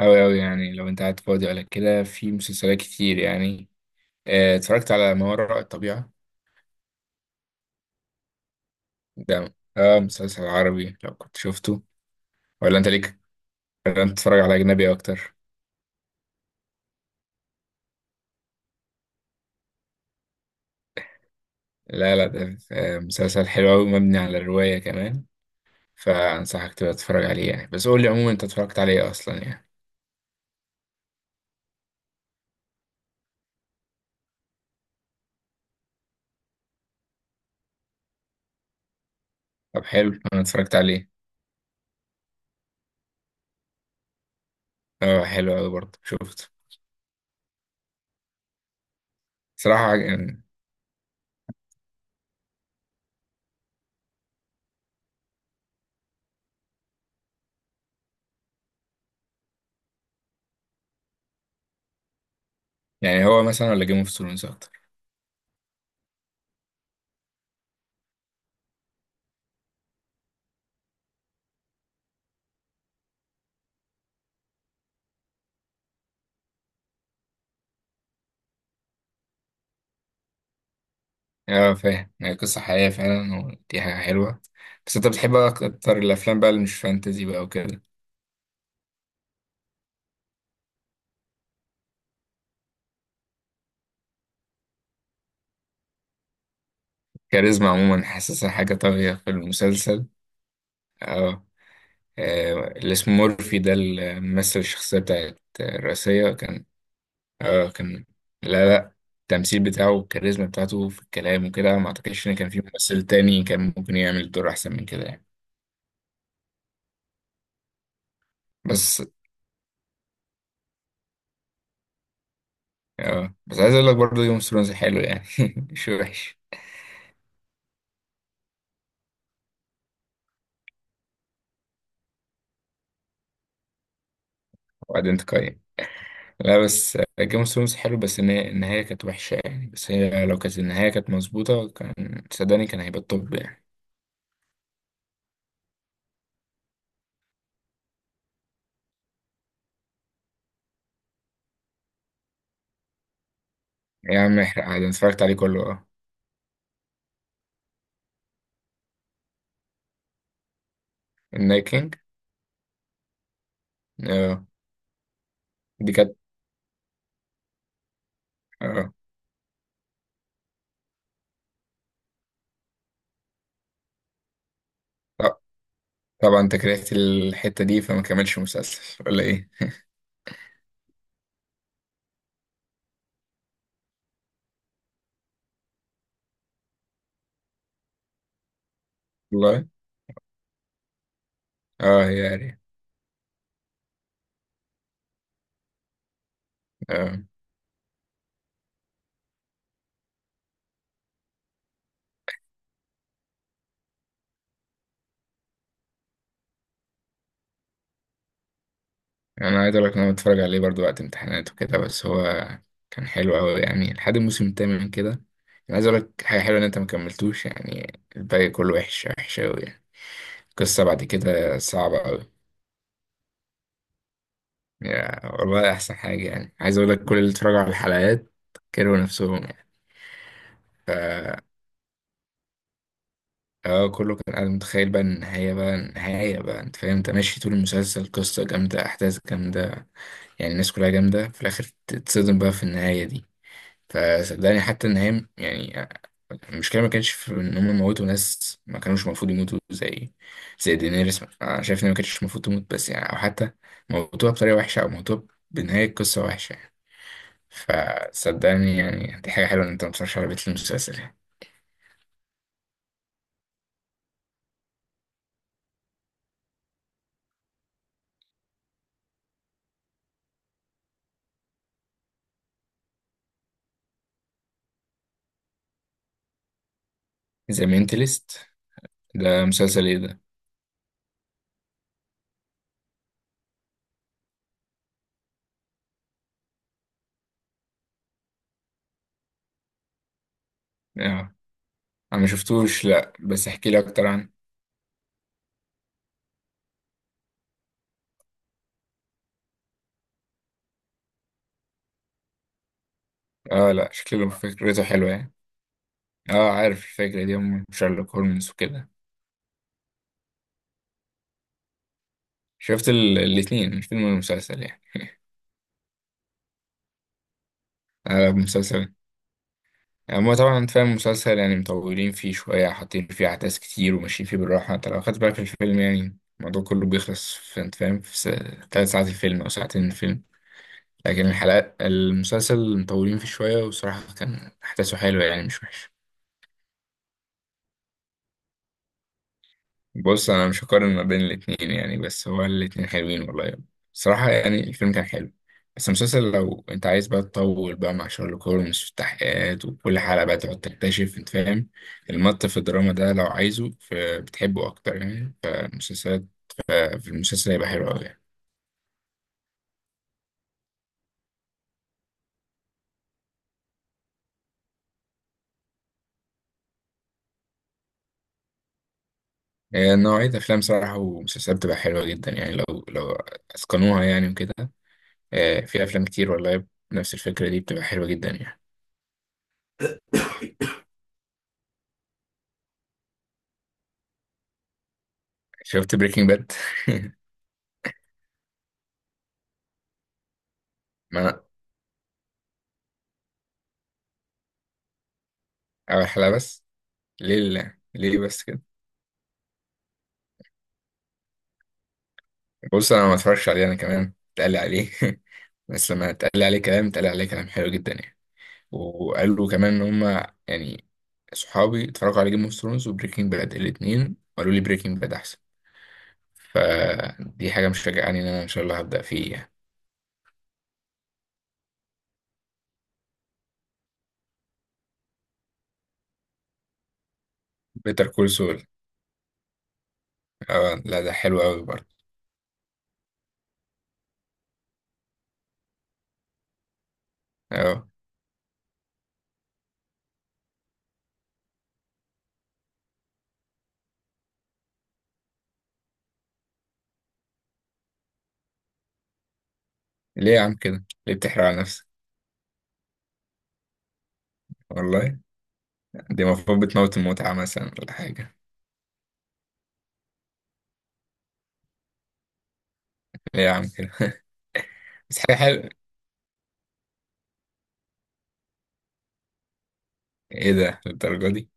أوي أوي يعني لو أنت قاعد فاضي ولا كده في مسلسلات كتير يعني. اتفرجت على ما وراء الطبيعة. ده مسلسل عربي لو كنت شفته. ولا أنت ليك، ولا أنت بتتفرج على أجنبي أكتر. لا لا ده مسلسل حلو أوي مبني على الرواية كمان. فأنصحك تبقى تتفرج عليه يعني، بس قول لي عموما أنت اتفرجت عليه إيه أصلا يعني. طب حلو، أنا اتفرجت عليه. آه، حلو أوي برضه شفته. صراحة يعني. يعني هو مثلا ولا جيم اوف ثرونز أكتر؟ اه، فاهم. هي قصة حقيقية فعلا ودي حاجة حلوة. بس انت بتحب بقى اكتر الافلام بقى اللي مش فانتزي بقى وكده؟ كاريزما عموما حاسسها حاجة طاغية في المسلسل. اه. آه، اللي اسمه مورفي ده اللي ممثل الشخصية بتاعت الرئيسية كان. اه كان. لا لا، التمثيل بتاعه والكاريزما بتاعته في الكلام وكده ما اعتقدش ان كان في ممثل تاني كان ممكن يعمل الدور احسن من كده يعني. بس. اه، بس عايز اقول لك برضه جيم اوف ثرونز حلو يعني مش وحش. وبعدين تقيم. لا بس جيم اوف ثرونز حلو، بس النهاية كانت وحشة يعني، بس هي لو كانت النهاية كانت مظبوطة كان صدقني كان هيبقى الطب يعني. يا عم احرق عادي، أنا اتفرجت عليه كله. اه. النايكينج. اه، دي كانت. اه. طب- طبعا انت كرهت الحتة دي فما كملش مسلسل ولا ايه؟ والله. اه، هي يعني. اه. انا عايز اقول لك ان انا بتفرج عليه برضو وقت امتحانات وكده، بس هو كان حلو قوي يعني لحد الموسم الثامن كده. انا عايز اقول لك حاجة حلوة، ان انت ما كملتوش يعني الباقي كله وحش، وحش قوي. قصة بعد كده صعبة أوي. يا والله أحسن حاجة يعني، عايز أقول لك كل اللي اتفرجوا على الحلقات كرهوا نفسهم يعني. اه، كله كان قاعد متخيل بقى النهاية بقى، النهاية بقى أنت فاهم، أنت ماشي طول المسلسل قصة جامدة، أحداث جامدة يعني، الناس كلها جامدة، في الآخر تتصدم بقى في النهاية دي. فصدقني حتى النهاية يعني، المشكلة ما كانش في إن هم موتوا ناس ما كانوش المفروض يموتوا، زي زي دينيريس أنا شايف إن ما كانتش المفروض تموت، بس يعني، أو حتى موتوها بطريقة وحشة، أو موتوها بنهاية قصة وحشة يعني. فصدقني يعني دي حاجة حلوة إن أنت متفرجش على بيت المسلسل يعني. ذا مينتاليست؟ ده مسلسل إيه ده؟ آه. أنا مشفتوش، لأ، بس احكي لي أكتر عنه. آه لأ، شكله فكرته حلوة يعني. آه، عارف الفكرة دي أم شارلوك هولمز وكده. شفت الاتنين، الفيلم والمسلسل يعني. آه، المسلسل هما طبعا أنت فاهم المسلسل يعني مطولين فيه شوية، حاطين فيه أحداث كتير وماشيين فيه بالراحة، أنت لو خدت بالك في الفيلم يعني الموضوع كله بيخلص في أنت فاهم في 3 ساعات الفيلم أو ساعتين الفيلم. لكن الحلقات المسلسل مطولين فيه شوية، وصراحة كان أحداثه حلوة يعني مش وحشة. بص أنا مش هقارن ما بين الاتنين يعني، بس هو الاتنين حلوين والله. صراحة يعني الفيلم كان حلو، بس المسلسل لو أنت عايز بقى تطول بقى مع شارلوك هولمز والتحقيقات، وكل حلقة بقى تقعد تكتشف أنت فاهم، المط في الدراما ده لو عايزه فبتحبه أكتر يعني، فالمسلسلات، في المسلسل هيبقى حلو أوي يعني. آه، نوعية أفلام صراحة ومسلسلات بتبقى حلوة جدا يعني، لو لو أتقنوها يعني وكده. آه، في افلام كتير والله نفس الفكره دي بتبقى حلوه جدا يعني. شفت بريكنج باد؟ ما أنا. اول حلقه بس؟ ليه؟ لا ليه بس كده؟ بص انا ما اتفرجش عليه، انا كمان اتقال لي عليه بس لما اتقال لي عليه كلام، اتقال لي عليه كلام حلو جدا يعني. وقالوا كمان ان هم يعني صحابي اتفرجوا على جيم اوف ثرونز وبريكنج باد الاثنين، وقالوا لي بريكنج باد احسن. فدي حاجه مشجعاني ان انا ان شاء الله هبدا فيه يعني. بيتر كول سول. اه لا، ده حلو قوي برضه. اه. ليه يا عم كده؟ ليه بتحرق على نفسك؟ والله، دي المفروض بتموت المتعة مثلا ولا حاجة؟ ليه يا عم كده؟ بس حاجة حلوة. ايه ده للدرجة دي؟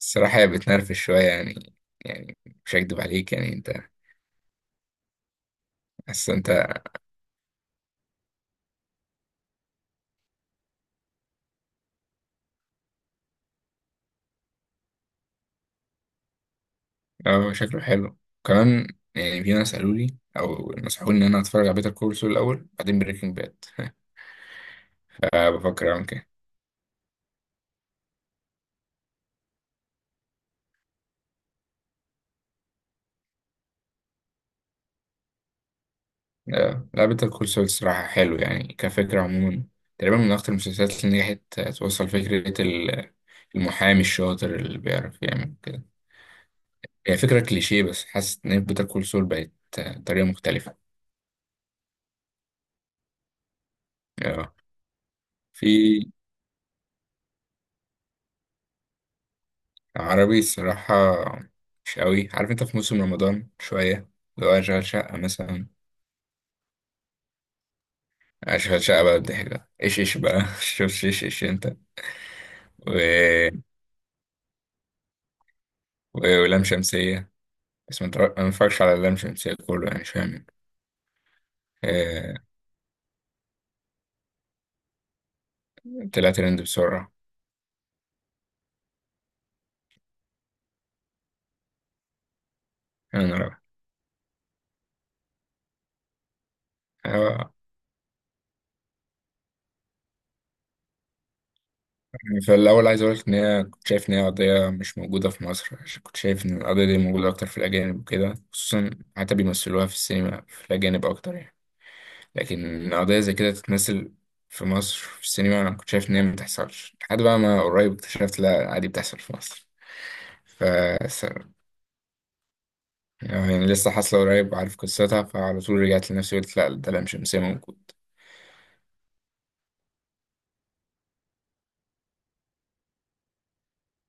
الصراحة هي بتنرفز شوية يعني، يعني مش هكدب عليك يعني انت. بس انت. اه شكله حلو كمان. يعني في ناس قالوا لي او نصحوني ان انا اتفرج على بيتر كول سول الاول بعدين بريكنج باد، فبفكر اعمل كده. اه، لا بيتر كول سول الصراحة حلو يعني كفكرة عموما. تقريبا من اكتر المسلسلات اللي نجحت توصل فكرة المحامي الشاطر اللي بيعرف يعمل كده. هي فكرة كليشيه بس حاسس إن بيتر كول سول بقت آه، طريقة مختلفة. آه. في. عربي الصراحة مش قوي، عارف أنت في موسم رمضان شوية. لو أشغل شقة مثلا، أشغل شقة بقى الضحك ده، إيش إيش بقى شوف إيش إيش أنت. و... ولام شمسية. بس ما اتفرجش على لام شمسية كله يعني، مش فاهم. آه. طلع ترند بسرعة. أنا رأي. يعني فالأول عايز أقولك إن هي كنت شايف إن هي قضية مش موجودة في مصر، عشان كنت شايف إن القضية دي موجودة أكتر في الأجانب وكده، خصوصا حتى بيمثلوها في السينما في الأجانب أكتر يعني. لكن قضية زي كده تتمثل في مصر في السينما، أنا كنت شايف إن هي مبتحصلش، لحد بقى ما قريب اكتشفت لأ عادي بتحصل في مصر. ف س- يعني لسه حاصلة قريب وعارف قصتها، فعلى طول رجعت لنفسي قلت لأ ده لام شمسية موجود.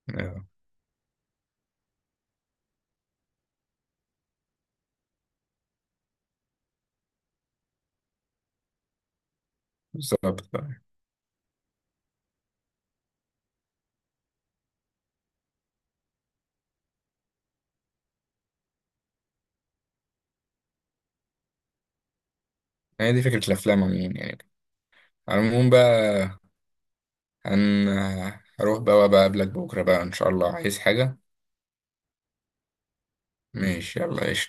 آه، بالظبط بقى. هي دي فكرة الأفلام عموما يعني، على العموم بقى. هن هروح بقى وأبقى أقابلك بكرة بقى إن شاء الله، عايز حاجة؟ ماشي يلا قشطة.